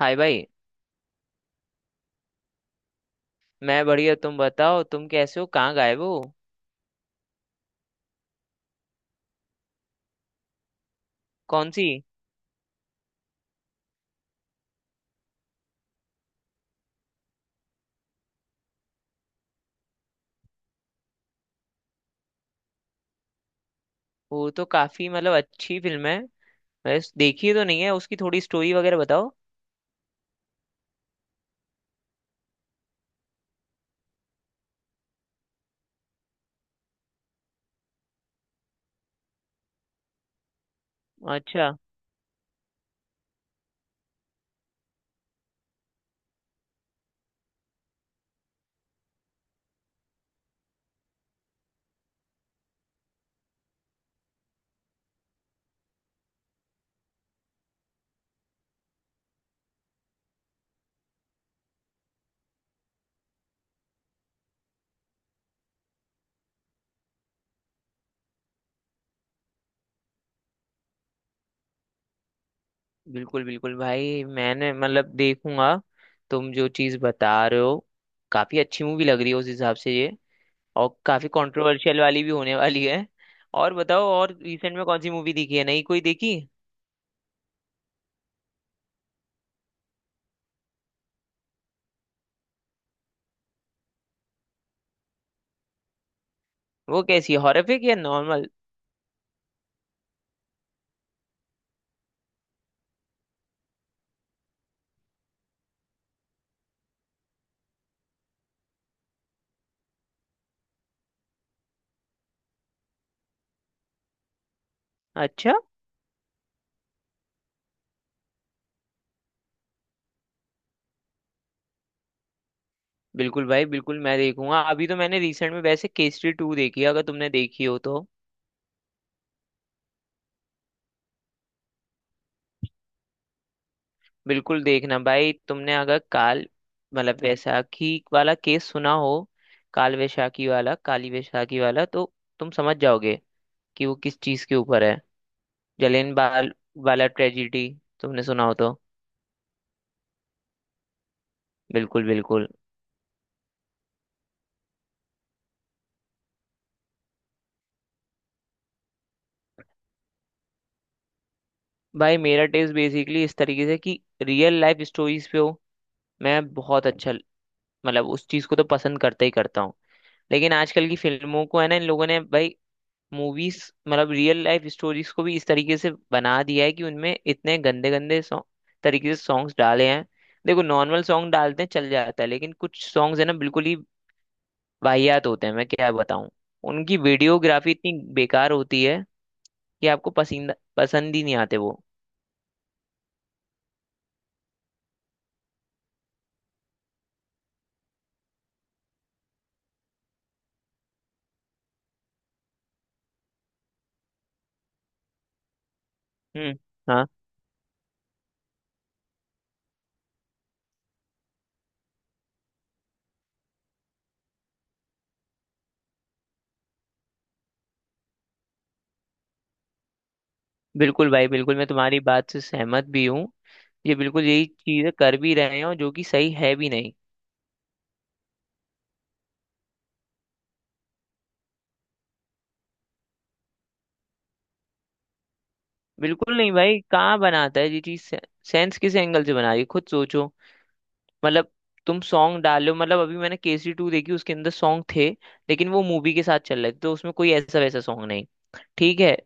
हाय भाई। मैं बढ़िया, तुम बताओ, तुम कैसे हो? कहाँ गायब हो? कौन सी? वो तो काफी मतलब अच्छी फिल्म है। मैं देखी तो नहीं है, उसकी थोड़ी स्टोरी वगैरह बताओ। अच्छा। बिल्कुल बिल्कुल भाई, मैंने मतलब देखूंगा। तुम जो चीज बता रहे हो काफी अच्छी मूवी लग रही है उस हिसाब से ये। और काफी कंट्रोवर्शियल वाली भी होने वाली है। और बताओ, और रिसेंट में कौन सी मूवी देखी है? नई कोई देखी? वो कैसी है, हॉरर या नॉर्मल? अच्छा। बिल्कुल भाई बिल्कुल, मैं देखूंगा। अभी तो मैंने रिसेंट में वैसे केसरी 2 देखी है, अगर तुमने देखी हो तो। बिल्कुल देखना भाई, तुमने अगर काल मतलब वैशाखी वाला केस सुना हो, काल वैशाखी वाला, काली वैशाखी वाला, तो तुम समझ जाओगे कि वो किस चीज के ऊपर है। जलियन वाला वाला ट्रेजिडी तुमने सुना हो तो। बिल्कुल बिल्कुल। भाई मेरा टेस्ट बेसिकली इस तरीके से कि रियल लाइफ स्टोरीज पे हो, मैं बहुत अच्छा मतलब उस चीज को तो पसंद करता ही करता हूँ। लेकिन आजकल की फिल्मों को है ना, इन लोगों ने भाई मूवीज मतलब रियल लाइफ स्टोरीज को भी इस तरीके से बना दिया है कि उनमें इतने गंदे गंदे सॉन्ग तरीके से सॉन्ग्स डाले हैं। देखो, नॉर्मल सॉन्ग डालते हैं चल जाता है, लेकिन कुछ सॉन्ग्स है ना बिल्कुल ही वाहियात होते हैं, मैं क्या बताऊं। उनकी वीडियोग्राफी इतनी बेकार होती है कि आपको पसंद पसंद ही नहीं आते वो। हम्म। हाँ। बिल्कुल भाई बिल्कुल, मैं तुम्हारी बात से सहमत भी हूँ। ये बिल्कुल यही चीजें कर भी रहे हैं, और जो कि सही है भी नहीं। बिल्कुल नहीं भाई, कहाँ बनाता है ये चीज, सेंस किस एंगल से बना रही है, खुद सोचो। मतलब तुम सॉन्ग डालो, मतलब अभी मैंने केसरी 2 देखी, उसके अंदर सॉन्ग थे लेकिन वो मूवी के साथ चल रहे थे, तो उसमें कोई ऐसा वैसा सॉन्ग नहीं, ठीक है।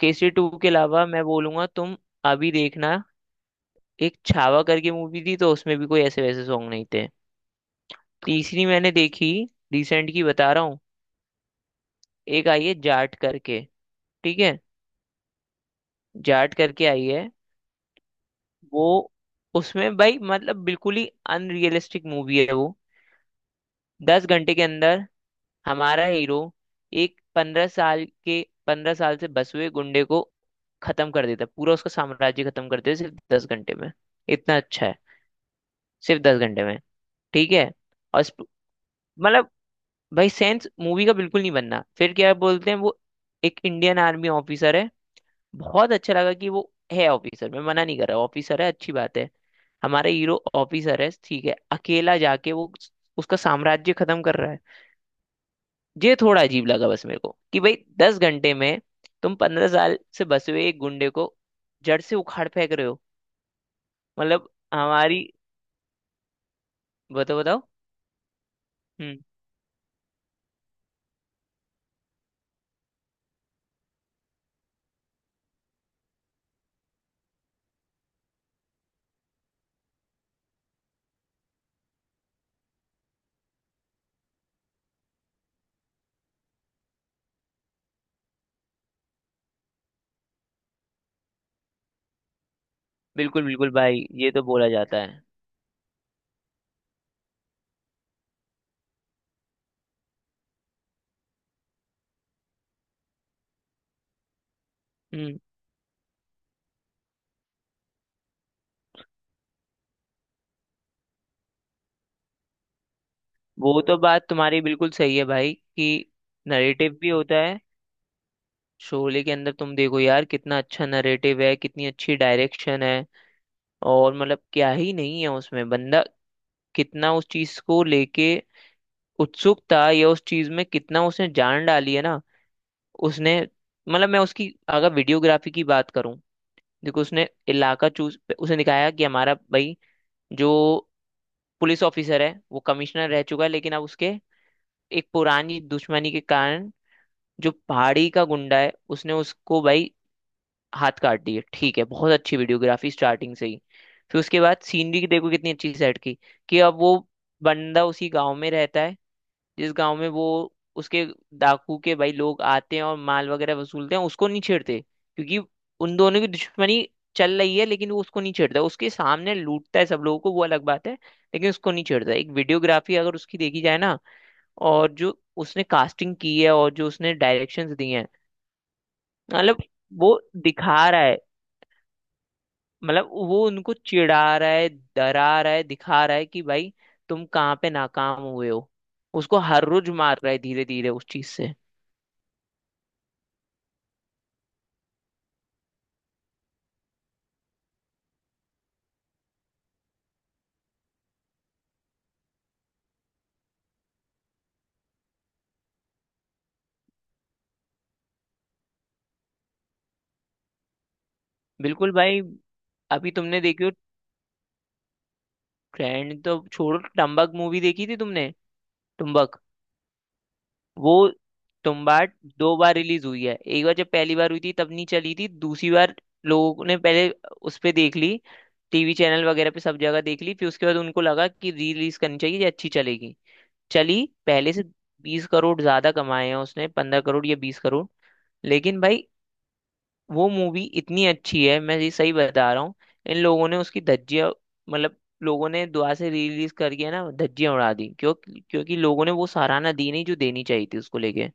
केसरी 2 के अलावा मैं बोलूंगा तुम अभी देखना, एक छावा करके मूवी थी, तो उसमें भी कोई ऐसे वैसे सॉन्ग नहीं थे। तीसरी मैंने देखी, रिसेंट की बता रहा हूँ, एक आई है जाट करके, ठीक है, जाट करके आई है। वो, उसमें भाई मतलब बिल्कुल ही अनरियलिस्टिक मूवी है वो। 10 घंटे के अंदर हमारा हीरो एक 15 साल के, 15 साल से बस हुए गुंडे को खत्म कर देता है, पूरा उसका साम्राज्य खत्म कर देता है सिर्फ 10 घंटे में। इतना अच्छा है। सिर्फ दस घंटे में, ठीक है। और मतलब भाई सेंस मूवी का बिल्कुल नहीं बनना, फिर क्या बोलते हैं वो, एक इंडियन आर्मी ऑफिसर है। बहुत अच्छा लगा कि वो है ऑफिसर, मैं मना नहीं कर रहा, ऑफिसर है अच्छी बात है, हमारा हीरो ऑफिसर है, ठीक है, अकेला जाके वो उसका साम्राज्य खत्म कर रहा है। ये थोड़ा अजीब लगा बस मेरे को कि भाई 10 घंटे में तुम 15 साल से बसे हुए एक गुंडे को जड़ से उखाड़ फेंक रहे हो। मतलब हमारी, बताओ बताओ। हम्म। बिल्कुल बिल्कुल भाई, ये तो बोला जाता है। हम्म। वो तो बात तुम्हारी बिल्कुल सही है भाई कि नरेटिव भी होता है। शोले के अंदर तुम देखो यार कितना अच्छा नरेटिव है, कितनी अच्छी डायरेक्शन है, और मतलब क्या ही नहीं है उसमें। बंदा कितना उस चीज को लेके उत्सुक था, या उस चीज में कितना उसने जान डाली है ना, उसने मतलब मैं उसकी अगर वीडियोग्राफी की बात करूं, देखो उसने इलाका चूज, उसने दिखाया कि हमारा भाई जो पुलिस ऑफिसर है वो कमिश्नर रह चुका है लेकिन अब उसके एक पुरानी दुश्मनी के कारण, जो पहाड़ी का गुंडा है उसने उसको भाई हाथ काट दिए, ठीक है। बहुत अच्छी वीडियोग्राफी स्टार्टिंग से ही। फिर उसके बाद सीनरी देखो कितनी अच्छी सेट की कि अब वो बंदा उसी गांव में रहता है, जिस गांव में वो, उसके डाकू के भाई लोग आते हैं और माल वगैरह वसूलते हैं, उसको नहीं छेड़ते क्योंकि उन दोनों की दुश्मनी चल रही है, लेकिन वो उसको नहीं छेड़ता, उसके सामने लूटता है सब लोगों को, वो अलग बात है, लेकिन उसको नहीं छेड़ता। एक वीडियोग्राफी अगर उसकी देखी जाए ना, और जो उसने कास्टिंग की है और जो उसने डायरेक्शंस दिए हैं, मतलब वो दिखा रहा है, मतलब वो उनको चिढ़ा रहा है, डरा रहा है, दिखा रहा है कि भाई तुम कहाँ पे नाकाम हुए हो, उसको हर रोज मार रहा है धीरे धीरे उस चीज से। बिल्कुल भाई। अभी तुमने देखी हो, ट्रेंड तो छोड़ो, टम्बक मूवी देखी थी तुमने? टुम्बक, वो, तुम्बाड दो बार रिलीज हुई है, एक बार जब पहली बार हुई थी तब नहीं चली थी, दूसरी बार लोगों ने पहले उस पे देख ली, टीवी चैनल वगैरह पे सब जगह देख ली, फिर उसके बाद उनको लगा कि री रिलीज करनी चाहिए, ये अच्छी चलेगी, चली पहले से 20 करोड़ ज्यादा कमाए हैं उसने, 15 करोड़ या 20 करोड़। लेकिन भाई वो मूवी इतनी अच्छी है, मैं ये सही बता रहा हूँ, इन लोगों ने उसकी धज्जियां, मतलब लोगों ने दुआ से रिलीज करके ना धज्जियां उड़ा दी, क्यों? क्योंकि लोगों ने वो सराहना दी नहीं जो देनी चाहिए थी उसको लेके।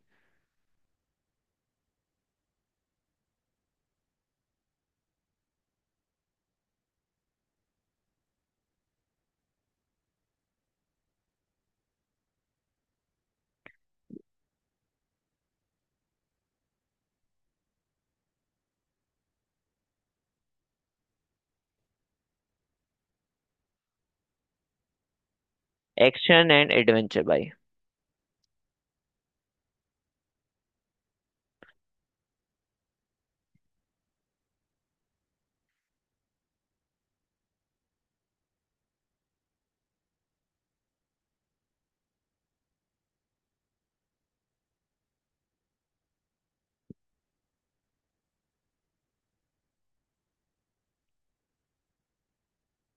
एक्शन एंड एडवेंचर भाई।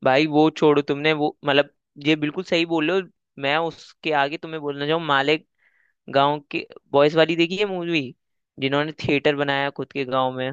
भाई वो छोड़ो तुमने वो मतलब, ये बिल्कुल सही बोल रहे हो। मैं उसके आगे तुम्हें बोलना चाहूँ, माले गांव के बॉयज वाली देखी है मूवी, जिन्होंने थिएटर बनाया खुद के गांव में?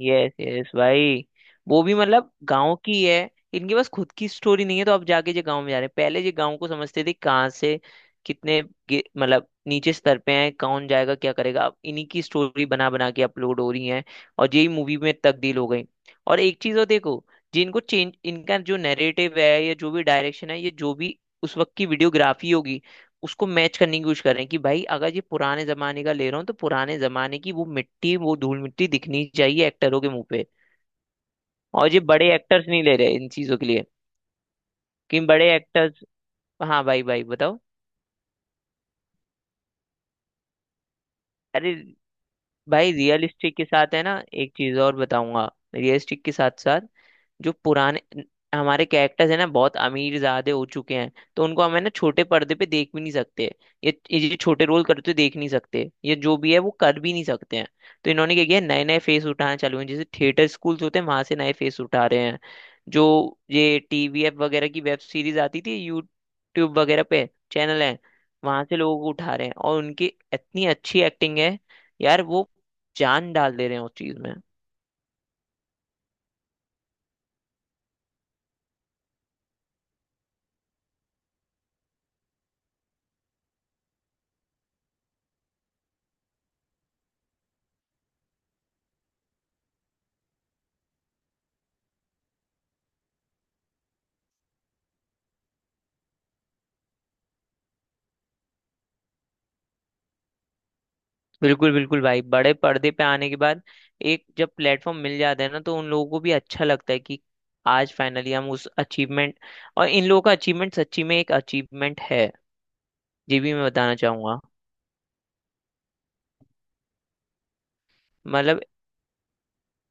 यस यस भाई, वो भी मतलब गांव की है। इनके पास खुद की स्टोरी नहीं है तो अब जाके जो गांव में जा रहे हैं, पहले जो गांव को समझते थे कहाँ से, कितने मतलब नीचे स्तर पे हैं, कौन जाएगा क्या करेगा, अब इन्हीं की स्टोरी बना बना के अपलोड हो रही है और यही मूवी में तब्दील हो गई। और एक चीज और देखो, जिनको चेंज इनका जो नैरेटिव है या जो भी डायरेक्शन है, ये जो भी उस वक्त की वीडियोग्राफी होगी उसको मैच करने की कोशिश कर रहे हैं, कि भाई अगर ये पुराने जमाने का ले रहा हूँ तो पुराने जमाने की वो मिट्टी, वो धूल मिट्टी दिखनी चाहिए एक्टरों के मुंह पे। और ये बड़े एक्टर्स नहीं ले रहे इन चीजों के लिए, कि बड़े एक्टर्स। हाँ भाई भाई बताओ। अरे भाई रियलिस्टिक के साथ है ना, एक चीज और बताऊंगा, रियलिस्टिक के साथ साथ जो पुराने हमारे कैरेक्टर्स है ना बहुत अमीर ज्यादा हो चुके हैं, तो उनको हम है ना छोटे पर्दे पे देख भी नहीं सकते, ये छोटे रोल करते हुए देख नहीं सकते, ये जो भी है वो कर भी नहीं सकते हैं। तो इन्होंने क्या किया, नए नए फेस उठाना चालू हैं, जैसे थिएटर स्कूल्स होते हैं वहां से नए फेस उठा रहे हैं, जो ये टीवीएफ वगैरह की वेब सीरीज आती थी यूट्यूब वगैरह पे चैनल है, वहां से लोगों को उठा रहे हैं, और उनकी इतनी अच्छी एक्टिंग है यार, वो जान डाल दे रहे हैं उस चीज में। बिल्कुल बिल्कुल भाई, बड़े पर्दे पे आने के बाद एक जब प्लेटफॉर्म मिल जाता है ना तो उन लोगों को भी अच्छा लगता है कि आज फाइनली हम उस अचीवमेंट, और इन लोगों का अचीवमेंट सच्ची में एक अचीवमेंट है, ये भी मैं बताना चाहूंगा। मतलब,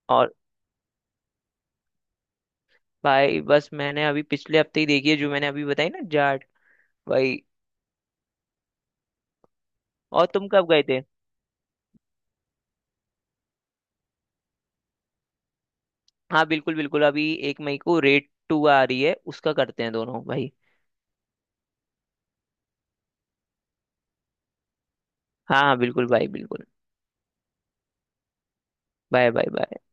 और भाई बस मैंने अभी पिछले हफ्ते ही देखी है जो मैंने अभी बताई ना, जाट, भाई। और तुम कब गए थे? हाँ बिल्कुल बिल्कुल, अभी 1 मई को रेट 2 आ रही है, उसका करते हैं दोनों भाई। हाँ हाँ बिल्कुल भाई बिल्कुल। Bye bye bye.